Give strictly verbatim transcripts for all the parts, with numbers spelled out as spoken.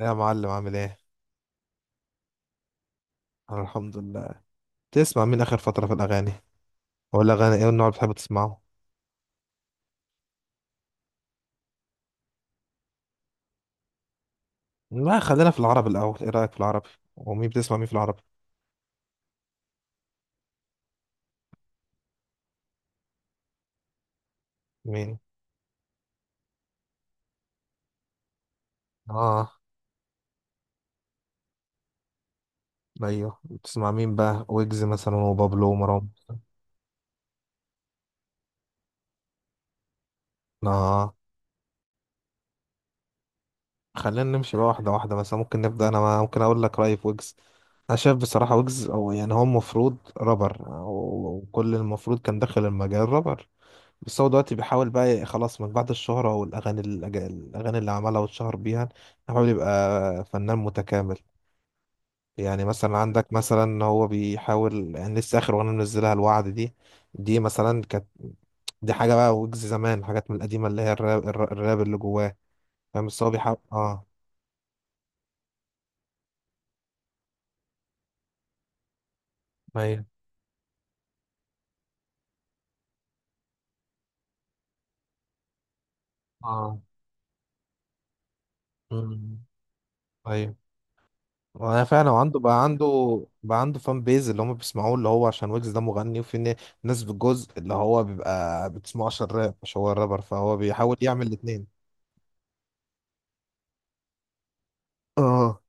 يا معلم عامل ايه؟ أنا الحمد لله. تسمع مين اخر فترة في الاغاني؟ ولا اغاني ايه النوع اللي بتحب تسمعه؟ لا خلينا في العربي الاول. ايه رأيك في العربي؟ ومين بتسمع مين في العربي؟ مين؟ اه. ايوه بتسمع مين بقى؟ ويجز مثلا وبابلو ومروان. اه خلينا نمشي بقى واحدة واحدة، مثلا ممكن نبدأ. انا ممكن اقول لك رأيي في ويجز. انا شايف بصراحة ويجز او يعني هو المفروض رابر، وكل المفروض كان داخل المجال رابر، بس هو دلوقتي بيحاول بقى خلاص من بعد الشهرة والأغاني الأج- الأغاني اللي عملها واتشهر بيها. بيحاول يبقى فنان متكامل. يعني مثلا عندك، مثلا هو بيحاول يعني لسه آخر أغنية منزلها الوعد دي. دي مثلا كانت، دي حاجة بقى ويجز زمان، حاجات من القديمة اللي هي الراب, الراب الراب اللي جواه. فاهم؟ بس هو بيحاول اه. ايوه. اه. مم. ايوه. وانا فعلا، وعنده بقى عنده بقى عنده فان بيز اللي هم بيسمعوه، اللي هو عشان ويجز ده مغني، وفي ن- ناس بالجزء اللي هو بيبقى بتسمعه عشان الراب، مش هو الرابر، فهو بيحاول يعمل الاتنين. اه.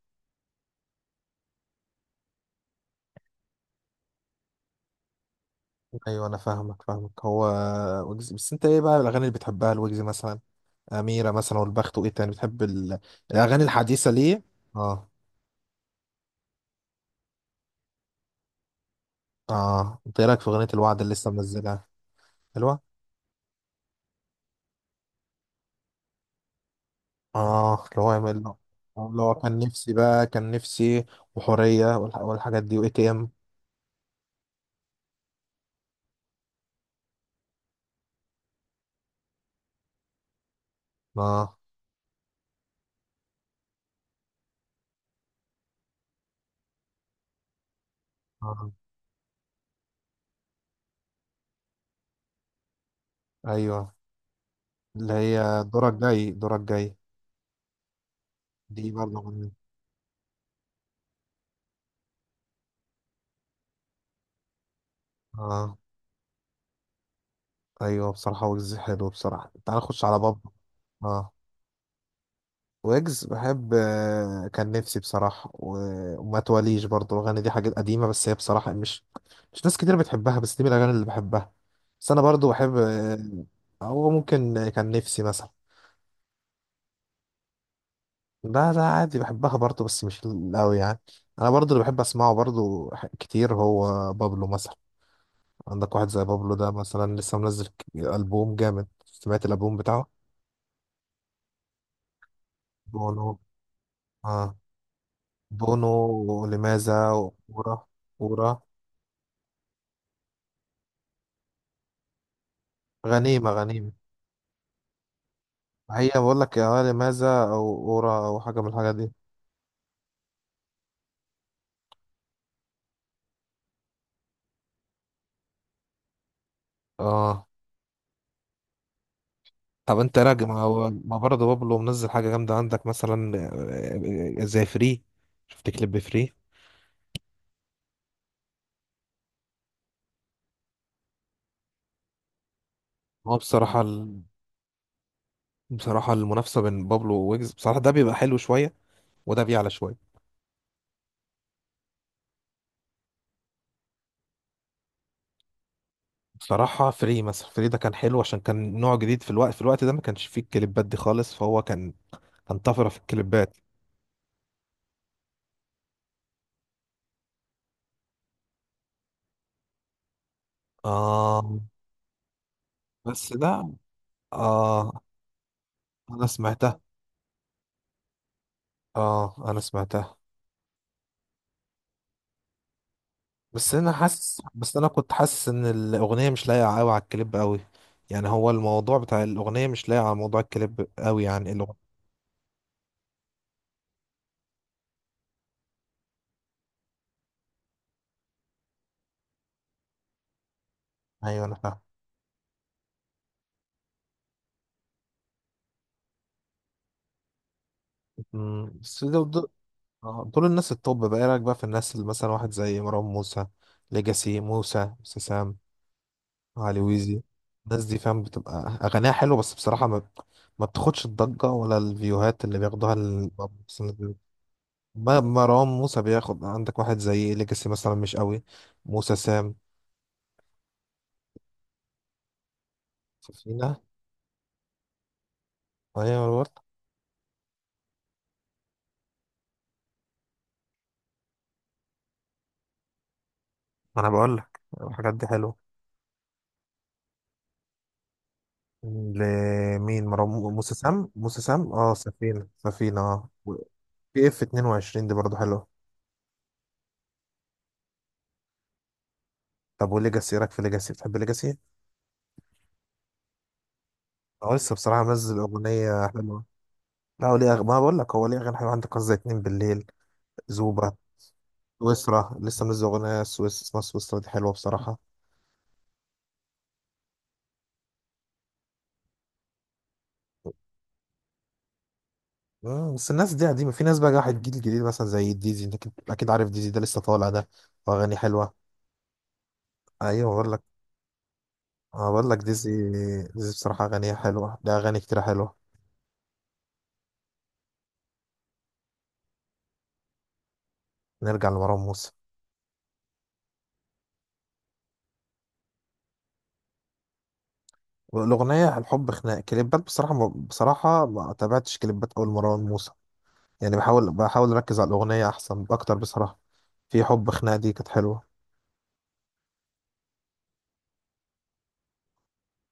ايوه انا فاهمك فاهمك. هو ويجز، بس انت ايه بقى الاغاني اللي بتحبها لويجز مثلا؟ اميره مثلا والبخت، وايه تاني بتحب ال... الاغاني الحديثه ليه؟ اه. اه انت ايه رايك في اغنيه الوعد اللي لسه منزلها؟ حلوه. اه اللي هو يعمل له، اللي هو كان نفسي بقى كان نفسي وحوريه والح... والحاجات دي، واي تي ام. اه. اه. ايوه اللي هي دورك جاي دورك جاي. دي برضه من. اه. ايوه بصراحة ويجز حلو بصراحة. تعال نخش على بابلو. اه ويجز بحب آه، كان نفسي بصراحة، و- وما تواليش برضه. الأغاني دي حاجات قديمة، بس هي بصراحة مش، مش ناس كتير بتحبها، بس دي من الأغاني اللي بحبها. بس أنا برضه بحب آه، هو ممكن كان نفسي مثلا. لا لا عادي بحبها برضه، بس مش قوي يعني. أنا برضه اللي بحب أسمعه برضه ح- كتير هو بابلو مثلا. عندك واحد زي بابلو ده، مثلا لسه منزل ك- ألبوم جامد. سمعت الألبوم بتاعه؟ بونو. آه. بونو لماذا. ورا، ورا. غنيمة، غنيمة. هي بقول لك يا لماذا، أو ورا، أو حاجة من الحاجات دي. اه. طب انت راجع، ما هو ما برضه بابلو منزل حاجة جامدة عندك مثلا. آه، آه، زي فري. شفت كليب فري؟ هو بصراحة ال... بصراحة المنافسة بين بابلو وويجز بصراحة، ده بيبقى حلو شوية، وده بيعلى شوية. بصراحة فري مثلا، فري ده كان حلو عشان كان نوع جديد، في الوقت في الوقت ده ما كانش فيه الكليبات دي خالص، فهو كان، كان طفرة في الكليبات. آه. بس ده. آه أنا سمعتها. آه أنا سمعتها. بس أنا حاسس، بس أنا كنت حاسس إن الأغنية مش لايقة أوي على الكليب أوي. يعني هو الموضوع بتاع الأغنية مش لايق على موضوع الكليب أوي، يعني الأغنية. أيوة أنا فاهم. أمم، بس دول دول, آه دول الناس التوب بقى. إيه رأيك بقى في الناس اللي مثلا واحد زي مروان موسى، ليجاسي، موسى سام، علي ويزي؟ الناس دي فاهم بتبقى اغانيها حلوه، بس بصراحه ما, ما بتاخدش الضجه ولا الفيوهات اللي بياخدوها ال- مثلاً. ما- مروان موسى بياخد. عندك واحد زي ليجاسي مثلا مش قوي. موسى سام، فينا. ايوه أنا بقول. انا بقول لك الحاجات دي حلوه. لمين؟ مروان مو- موسى سام. موسى سام، اه سفينه، سفينه، اه بي اف اتنين وعشرين دي برضه حلوه. طب وليجاسي؟ إيه رايك في ليجاسي؟ بتحب ليجاسي؟ اه لسه بصراحه منزل اغنيه حلوه. لا هو ليه أغ... ما بقول لك هو ليه أغاني حلوة. عندك قصة اتنين بالليل، زوبا، سويسرا. لسه منزل أغنية سويس، اسمها سويسرا، دي حلوة بصراحة. مم، بس الناس دي قديمة. في ناس بقى راحت، الجيل الجديد مثلا زي ديزي. انت اكيد، أكيد عارف ديزي، ده لسه طالع ده، واغاني حلوة. ايوه بقول لك. أنا بقول لك ديزي، ديزي بصراحة اغانيها حلوة، ده اغاني كتير حلوة. نرجع لمروان موسى. الأغنية الحب خناق. كليبات بصراحة، ما بصراحة ما تابعتش كليبات أول مروان موسى. يعني بحاول بحاول أركز على الأغنية أحسن أكتر بصراحة. في حب خناق دي كانت حلوة.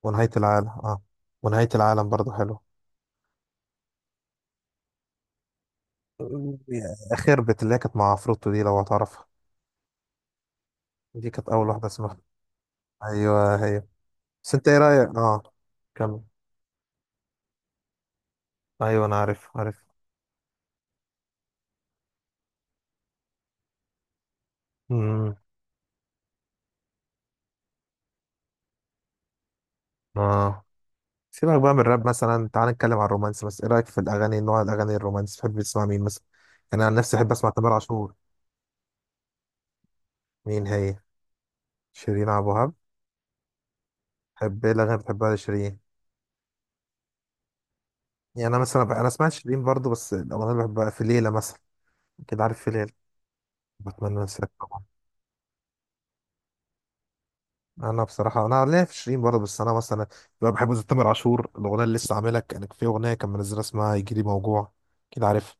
ونهاية العالم اه، ونهاية العالم برضو حلو. خربت، اللي هي كانت مع عفروتو دي، لو هتعرفها. دي كانت أول واحدة، اسمها، أيوه هي. بس أنت إيه رأيك؟ اه. كمل. أيوه أنا عارف، عارف. امم. اه سيبك بقى من الراب مثلا، تعال نتكلم عن الرومانس. بس إيه رأيك في الأغاني، نوع الأغاني الرومانس، تحب تسمع مين مثلا؟ يعني أنا عن نفسي أحب أسمع تامر عاشور. مين هي؟ شيرين عبد الوهاب. تحب إيه الأغاني اللي بتحبها لشيرين؟ يعني أنا مثلا بح- أنا سمعت شيرين برضو، بس الأغنية اللي بحبها في ليلة مثلا، كده عارف، في ليلة. بتمنى أنساك طبعا. انا بصراحه انا ليا في شيرين برضه، بس انا مثلا بقى بحب زي تامر عاشور، الاغنيه اللي لسه عاملها. كان في اغنيه كان منزلها اسمها يجي لي موجوع، كده عارف.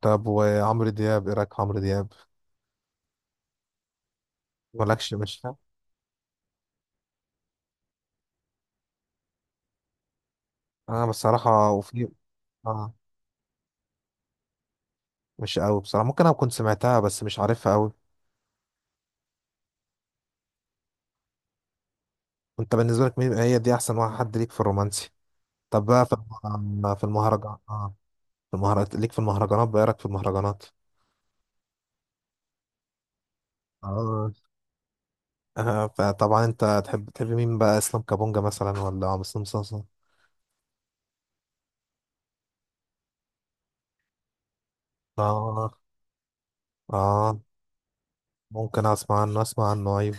طب وعمرو دياب؟ ايه رايك في عمرو دياب؟ مالكش؟ مش انا بصراحه. وفي. اه مش قوي بصراحه. ممكن انا كنت سمعتها بس مش عارفها قوي. انت بالنسبه لك مين هي دي، احسن واحد حد ليك في الرومانسي؟ طب بقى في الم- آه، في المهرجان؟ اه في المهرجانات ليك، في المهرجانات بقى، ايه رايك في المهرجانات؟ اه. آه، فطبعا انت تحب، تحب مين بقى؟ اسلام كابونجا مثلا ولا مسلم صلصه؟ اه. اه ممكن اسمع عنه، اسمع عنه، ايوه.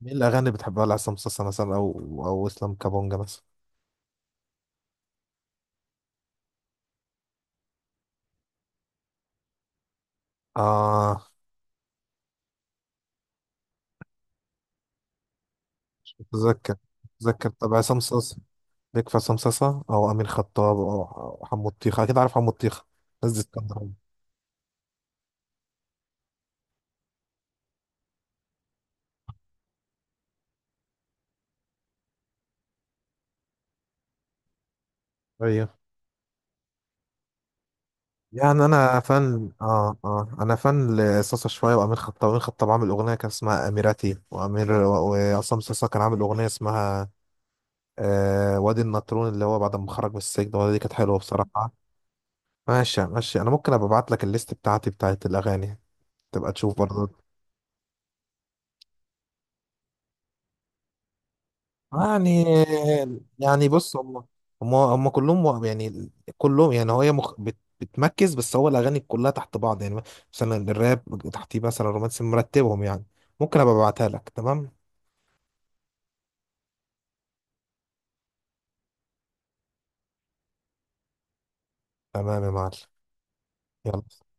مين الاغاني اللي بتحبها لعصام صاصا مثلا، او او اسلام كابونجا مثلا؟ اه مش متذكر، متذكر. طب عصام صاصا، ليك في عصام صاصا او امين خطاب او أو حمو الطيخه؟ اكيد عارف حمو الطيخه. الناس دي اسكندراني. ايوه. يعني انا فن، اه اه انا فن لصاصا شويه، وامين خطاب. امين خطاب عامل اغنيه كان اسمها اميراتي وامير، وعصام صاصا كان عامل اغنيه اسمها آه وادي النطرون، اللي هو بعد ما خرج من السجن. الأغنية دي كانت حلوه بصراحه. ماشي ماشي، انا ممكن ابقى ابعت لك الليست بتاعتي بتاعت الاغاني، تبقى تشوف برضه. يعني. يعني بص، هم، هم هم كلهم و- يعني كلهم يعني. هو هي مخ... بت... بتمركز، بس هو الاغاني كلها تحت بعض يعني. مثلا الراب، تحتيه مثلا الرومانسي، مرتبهم يعني. ممكن ابقى ابعتها لك، تمام. تمام يا معلم. يلا.